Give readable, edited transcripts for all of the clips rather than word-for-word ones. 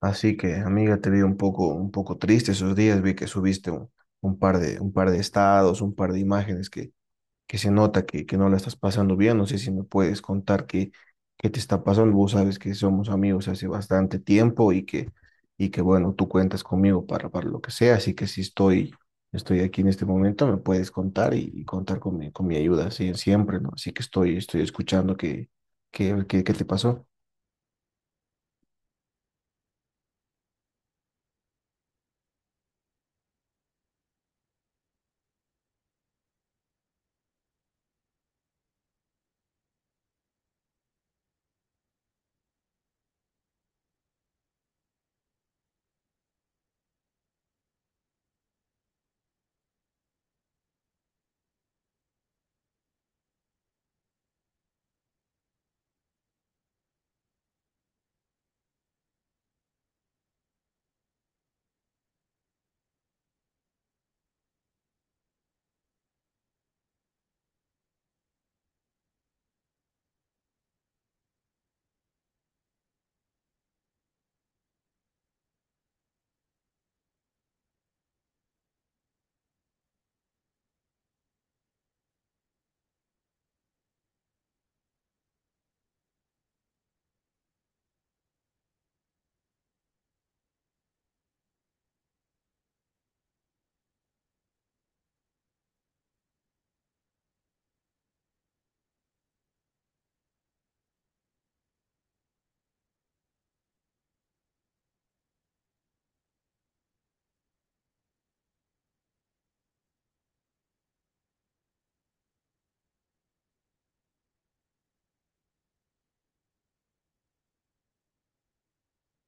Así que, amiga, te vi un poco triste esos días. Vi que subiste un par de estados, un par de imágenes que se nota que no la estás pasando bien. No sé si me puedes contar qué te está pasando. Vos sabes que somos amigos hace bastante tiempo y que bueno, tú cuentas conmigo para lo que sea. Así que si estoy, estoy aquí en este momento, me puedes contar y contar con mi ayuda, sí, siempre, ¿no? Así que estoy escuchando qué te pasó.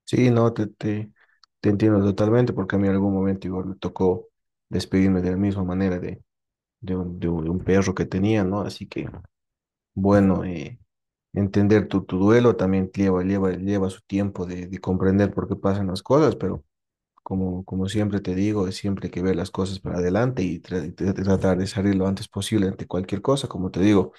Sí, no, te entiendo totalmente porque a mí en algún momento igual me tocó despedirme de la misma manera de un perro que tenía, ¿no? Así que, bueno, entender tu duelo también lleva su tiempo de comprender por qué pasan las cosas, pero como, como siempre te digo, es siempre hay que ver las cosas para adelante y tratar de salir lo antes posible ante cualquier cosa, como te digo.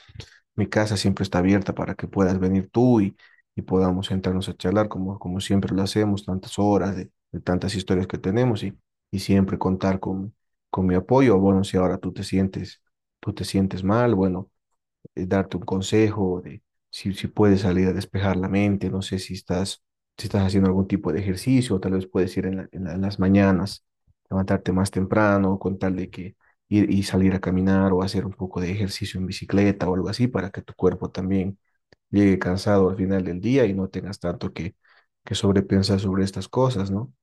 Mi casa siempre está abierta para que puedas venir tú y podamos sentarnos a charlar como, como siempre lo hacemos, tantas horas de tantas historias que tenemos y siempre contar con mi apoyo. Bueno, si ahora tú te sientes mal, bueno, darte un consejo de si puedes salir a despejar la mente, no sé si estás haciendo algún tipo de ejercicio, o tal vez puedes ir en las mañanas, levantarte más temprano, con tal de que ir y salir a caminar o hacer un poco de ejercicio en bicicleta o algo así para que tu cuerpo también llegue cansado al final del día y no tengas tanto que sobrepensar sobre estas cosas, ¿no?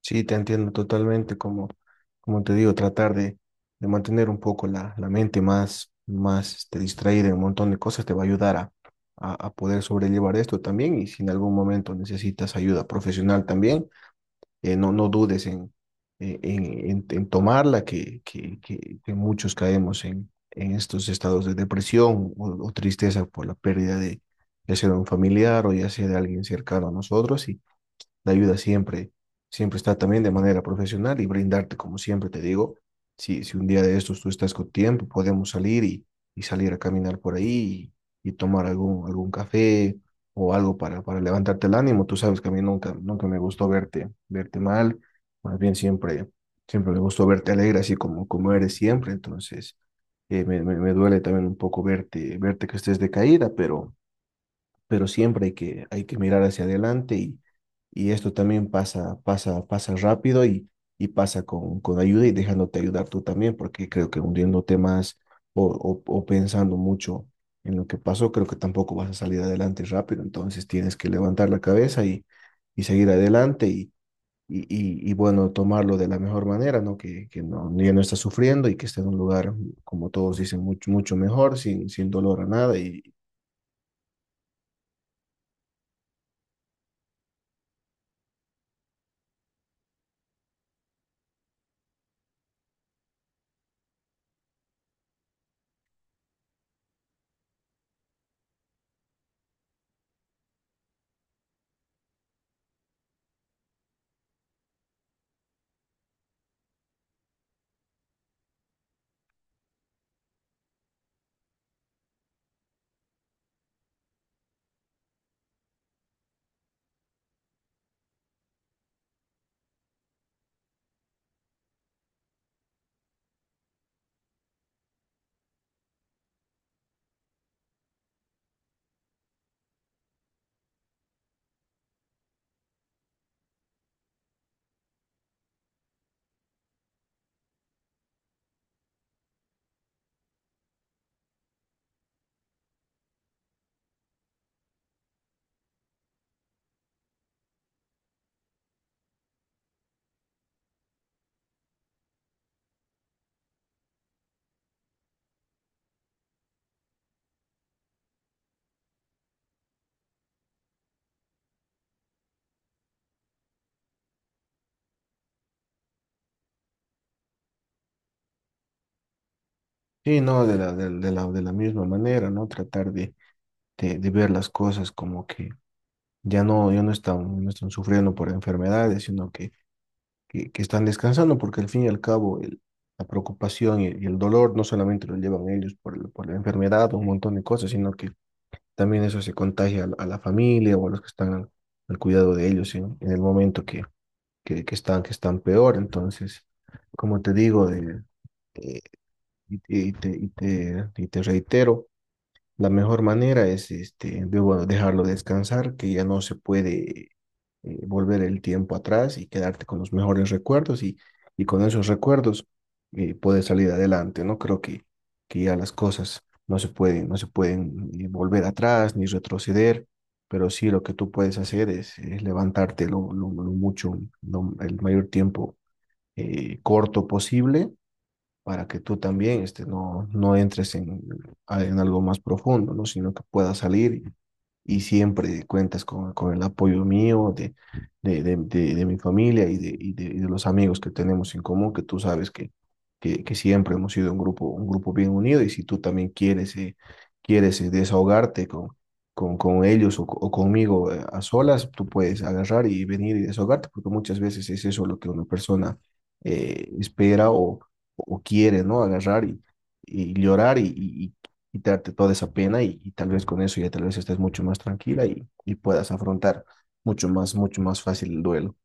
Sí, te entiendo totalmente, como, como te digo, tratar de mantener un poco la mente más, más este, distraída en un montón de cosas te va a ayudar a poder sobrellevar esto también y si en algún momento necesitas ayuda profesional también, no, no dudes en, en tomarla, que muchos caemos en estos estados de depresión o tristeza por la pérdida de ya sea de un familiar o ya sea de alguien cercano a nosotros. Y la ayuda siempre, siempre está también de manera profesional y brindarte, como siempre te digo, si un día de estos tú estás con tiempo, podemos salir y salir a caminar por ahí y tomar algún, algún café o algo para levantarte el ánimo. Tú sabes que a mí nunca, nunca me gustó verte mal, más bien siempre, siempre me gustó verte alegre, así como, como eres siempre, entonces me duele también un poco verte que estés decaída, pero siempre hay que mirar hacia adelante y esto también pasa, pasa rápido y pasa con ayuda y dejándote ayudar tú también, porque creo que hundiéndote más o pensando mucho en lo que pasó, creo que tampoco vas a salir adelante rápido, entonces tienes que levantar la cabeza y seguir adelante y bueno, tomarlo de la mejor manera, ¿no? Que no, ya no está sufriendo y que esté en un lugar, como todos dicen, mucho, mucho mejor, sin, sin dolor a nada y sí, no, de la misma manera, ¿no? Tratar de ver las cosas como que ya no, ya no están, no están sufriendo por enfermedades, sino que están descansando, porque al fin y al cabo la preocupación y el dolor no solamente lo llevan ellos por, por la enfermedad o un montón de cosas, sino que también eso se contagia a la familia o a los que están al, al cuidado de ellos en el momento que están peor. Entonces, como te digo, de, eh, y te reitero. La mejor manera es este, de, bueno, dejarlo descansar, que ya no se puede volver el tiempo atrás y quedarte con los mejores recuerdos y con esos recuerdos puedes salir adelante, ¿no? Creo que ya las cosas no se pueden, no se pueden volver atrás ni retroceder, pero sí lo que tú puedes hacer es levantarte lo mucho, el mayor tiempo corto posible para que tú también este, no, no entres en algo más profundo, ¿no? Sino que puedas salir y siempre cuentas con el apoyo mío, de mi familia y y de los amigos que tenemos en común, que tú sabes que siempre hemos sido un grupo bien unido y si tú también quieres, quieres desahogarte con… con ellos o conmigo a solas, tú puedes agarrar y venir y desahogarte, porque muchas veces es eso lo que una persona espera o quiere, ¿no? Agarrar y llorar y quitarte toda esa pena y tal vez con eso ya tal vez estés mucho más tranquila y puedas afrontar mucho más fácil el duelo.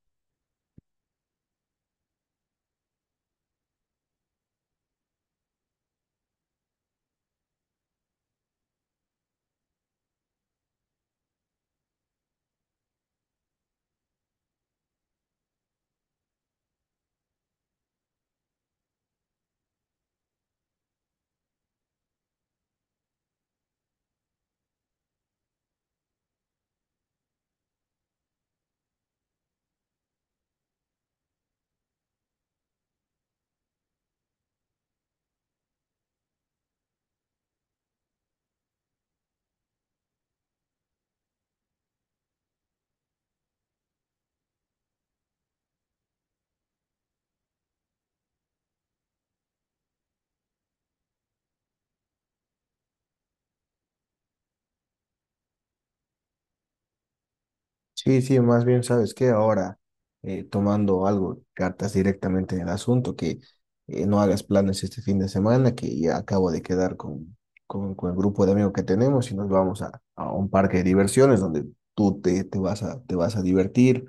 Sí, sí, más bien, ¿sabes qué? Ahora, tomando algo, cartas directamente en el asunto, que no hagas planes este fin de semana, que ya acabo de quedar con el grupo de amigos que tenemos y nos vamos a un parque de diversiones donde tú te, te vas a divertir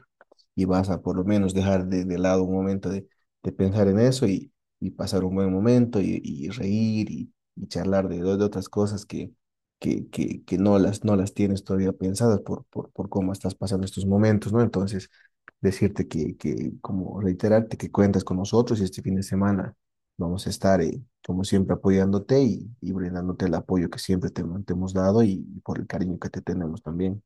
y vas a por lo menos dejar de lado un momento de pensar en eso y pasar un buen momento y reír y charlar de otras cosas que no las, no las tienes todavía pensadas por cómo estás pasando estos momentos, ¿no? Entonces, decirte que, como reiterarte que cuentas con nosotros y este fin de semana vamos a estar, como siempre, apoyándote y brindándote el apoyo que siempre te hemos dado y por el cariño que te tenemos también.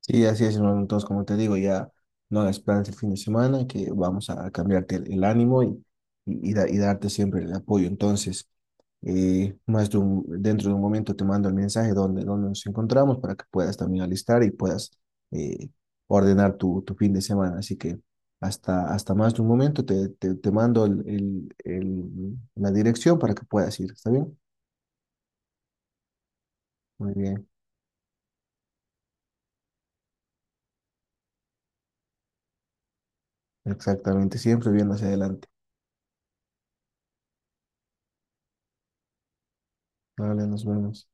Sí, así es, hermano. Entonces, como te digo, ya no hagas planes el fin de semana, que vamos a cambiarte el ánimo y y darte siempre el apoyo. Entonces, dentro de un momento te mando el mensaje donde, donde nos encontramos para que puedas también alistar y puedas eh, ordenar tu, tu fin de semana. Así que hasta, hasta más de un momento te mando la dirección para que puedas ir. ¿Está bien? Muy bien. Exactamente. Siempre viendo hacia adelante. Vale, nos vemos.